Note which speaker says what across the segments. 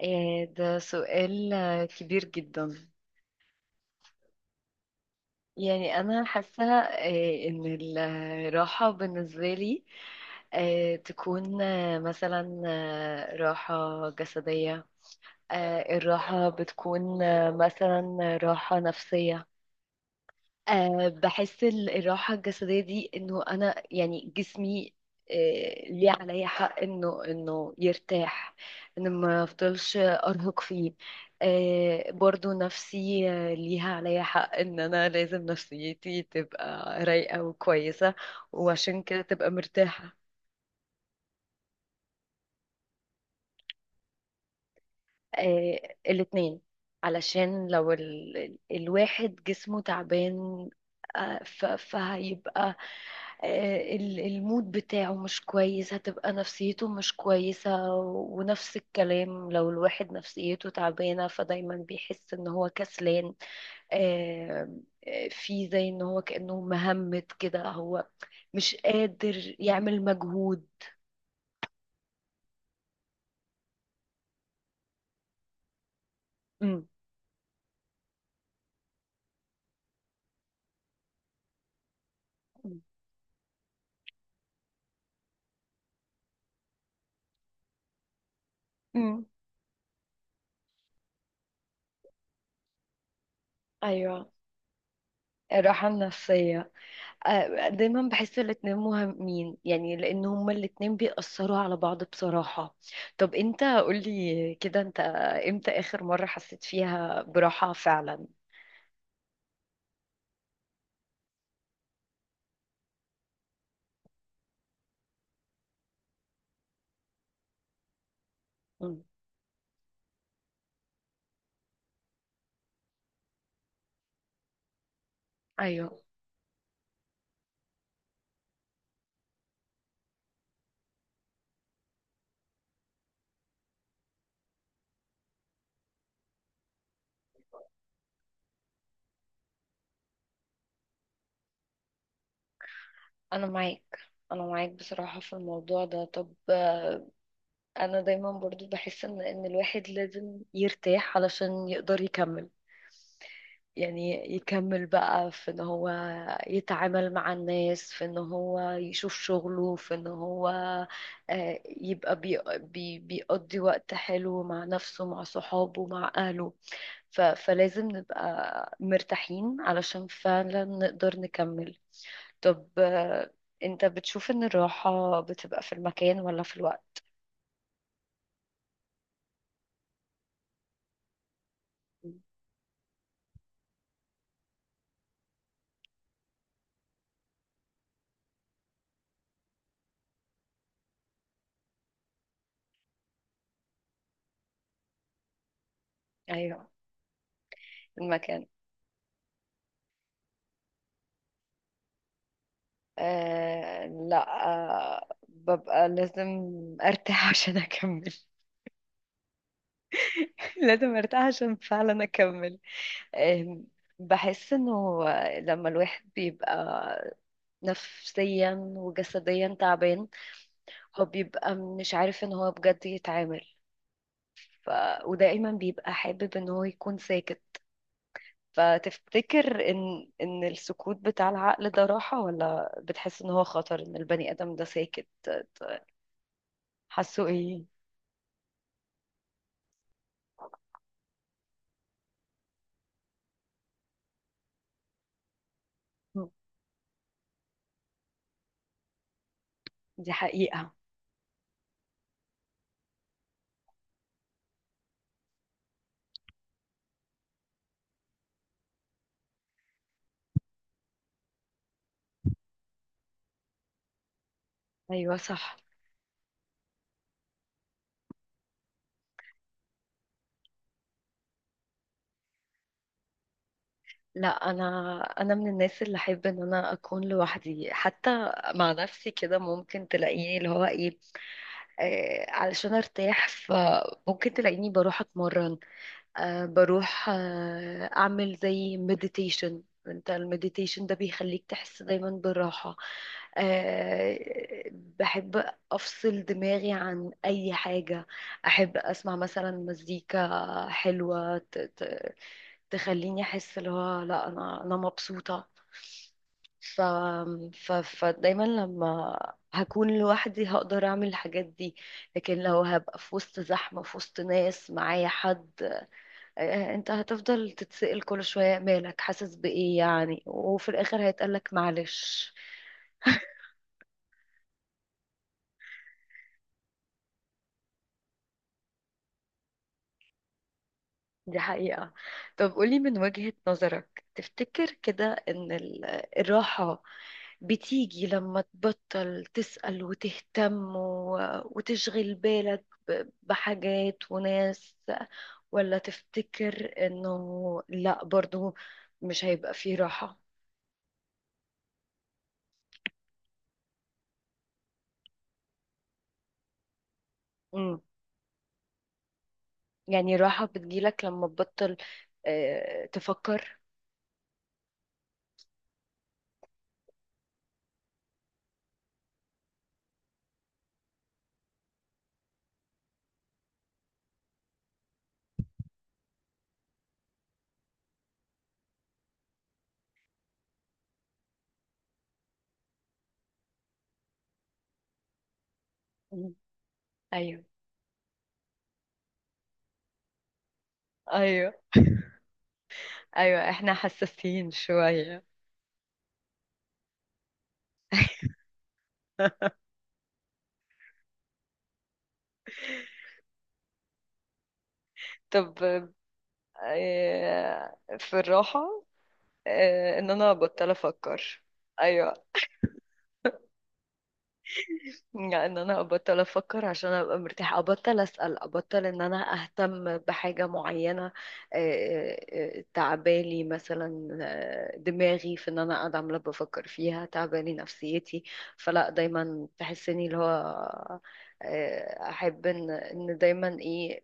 Speaker 1: ده سؤال كبير جدا. يعني أنا حاسة إن الراحة بالنسبة لي تكون مثلا راحة جسدية. الراحة بتكون مثلا راحة نفسية. بحس الراحة الجسدية دي انه انا يعني جسمي ليه عليا حق انه يرتاح، ان ما افضلش ارهق فيه. برضو نفسي ليها عليا حق ان انا لازم نفسيتي تبقى رايقة وكويسة، وعشان كده تبقى مرتاحة. آه الاتنين، علشان لو الواحد جسمه تعبان فهيبقى المود بتاعه مش كويس، هتبقى نفسيته مش كويسة، ونفس الكلام لو الواحد نفسيته تعبانة فدايما بيحس ان هو كسلان. آه في زي ان هو كأنه مهمت كده، هو مش قادر يعمل مجهود. امم امم ايوه، الراحة النفسية. دايما بحس الاتنين مهمين، يعني لان هما الاتنين بيأثروا على بعض بصراحة. طب انت قولي كده، انت امتى اخر مرة حسيت فيها براحة فعلا؟ مم. ايوه، انا معاك انا معاك بصراحة في الموضوع ده. طب انا دايما برضو بحس ان الواحد لازم يرتاح علشان يقدر يكمل. يعني يكمل بقى في ان هو يتعامل مع الناس، في ان هو يشوف شغله، في ان هو يبقى بي بي بيقضي وقت حلو مع نفسه، مع صحابه، مع اهله. فلازم نبقى مرتاحين علشان فعلا نقدر نكمل. طب انت بتشوف ان الراحة بتبقى في المكان ولا في الوقت؟ ايوه، في المكان. لا، ببقى لازم ارتاح عشان اكمل. لازم ارتاح عشان فعلا اكمل. آه بحس انه لما الواحد بيبقى نفسيا وجسديا تعبان، هو بيبقى مش عارف ان هو بجد يتعامل. ف... ودائما بيبقى حابب ان هو يكون ساكت. فتفتكر ان السكوت بتاع العقل ده راحة، ولا بتحس ان هو خطر ان البني ادم ده ساكت؟ حاسه ايه؟ دي حقيقة. أيوة صح. لا، أنا من الناس اللي أحب إن أنا أكون لوحدي، حتى مع نفسي كده. ممكن تلاقيني اللي هو إيه، علشان أرتاح. فممكن تلاقيني بروح أتمرن، بروح أعمل زي مديتيشن. انت المديتيشن ده بيخليك تحس دايما بالراحة. بحب أفصل دماغي عن أي حاجة. أحب أسمع مثلا مزيكا حلوة تخليني أحس اللي هو لا، أنا مبسوطة. ف... فدايما لما هكون لوحدي هقدر اعمل الحاجات دي، لكن لو هبقى في وسط زحمة، في وسط ناس معايا حد، انت هتفضل تتسأل كل شوية مالك، حاسس بإيه يعني، وفي الآخر هيتقالك معلش. دي حقيقة. طب قولي من وجهة نظرك، تفتكر كده ان الراحة بتيجي لما تبطل تسأل وتهتم وتشغل بالك بحاجات وناس، ولا تفتكر انه لا، برضو مش هيبقى فيه راحة؟ مم. يعني راحة بتجيلك لما تبطل تفكر؟ مم. ايوه، ايوه، ايوه، احنا حساسين شوية. طب في الراحة، ان انا بطل افكر. ايوه، يعني ان انا ابطل افكر عشان ابقى مرتاحه، ابطل اسال، ابطل ان انا اهتم بحاجه معينه. آه، تعبالي مثلا دماغي في ان انا قاعده عماله بفكر فيها، تعبالي نفسيتي. فلا دايما تحسني اللي هو احب ان دايما ايه.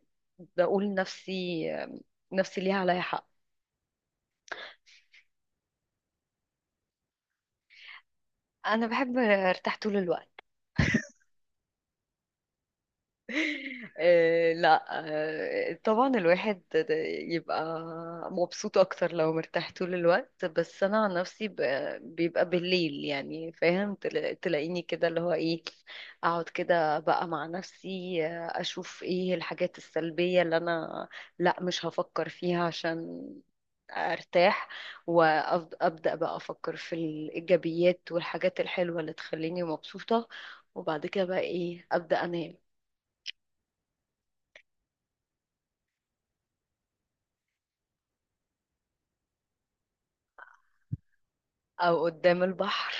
Speaker 1: بقول نفسي نفسي ليها عليا حق. انا بحب ارتاح طول الوقت. لا، طبعا الواحد يبقى مبسوط اكتر لو مرتاح طول الوقت. بس انا عن نفسي بيبقى بالليل، يعني فاهم، تلاقيني كده اللي هو ايه، اقعد كده بقى مع نفسي اشوف ايه الحاجات السلبية اللي انا، لا مش هفكر فيها عشان ارتاح، وابدا بقى افكر في الايجابيات والحاجات الحلوة اللي تخليني مبسوطة. وبعد كده بقى ايه، ابدا انام. او قدام البحر.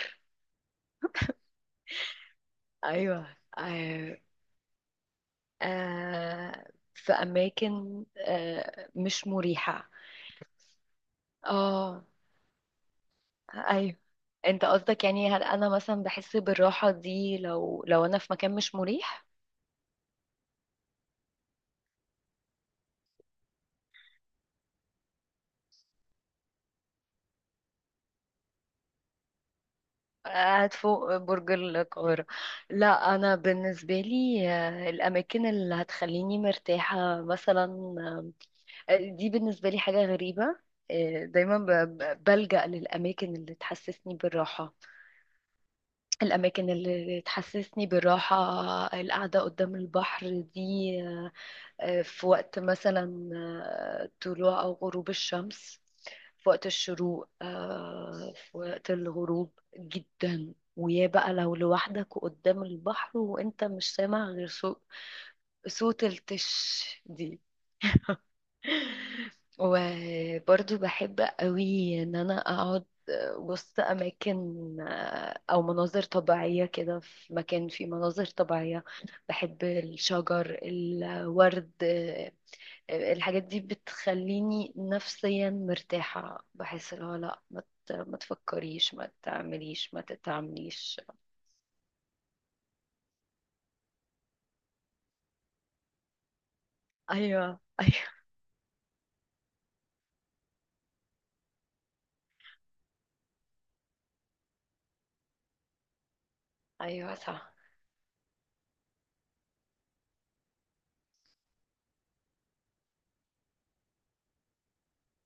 Speaker 1: ايوه. آه آه في اماكن مش مريحه. اه، ايوه، انت قصدك يعني هل انا مثلا بحس بالراحه دي لو انا في مكان مش مريح؟ قاعد فوق برج القاهره. لا، انا بالنسبه لي الاماكن اللي هتخليني مرتاحه مثلا، دي بالنسبه لي حاجه غريبه. دايما بلجأ للاماكن اللي تحسسني بالراحه، الأماكن اللي تحسسني بالراحة، القعدة قدام البحر دي، آه، في وقت مثلا طلوع أو غروب الشمس، في وقت الشروق، في وقت الغروب. جدا، ويا بقى لو لوحدك وقدام البحر، وانت مش سامع غير صوت، صوت التش دي. وبرضو بحب قوي ان انا اقعد وسط اماكن او مناظر طبيعية كده، في مكان فيه مناظر طبيعية. بحب الشجر، الورد، الحاجات دي بتخليني نفسيا مرتاحة. بحس اللي هو لا، ما تفكريش، ما تعمليش، ما تتعمليش. ايوه، ايوه، ايوه، صح.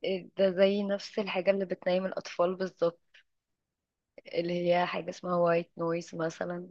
Speaker 1: إيه ده زي نفس الحاجة اللي بتنيم الأطفال بالظبط، اللي هي حاجة اسمها وايت نويز مثلا.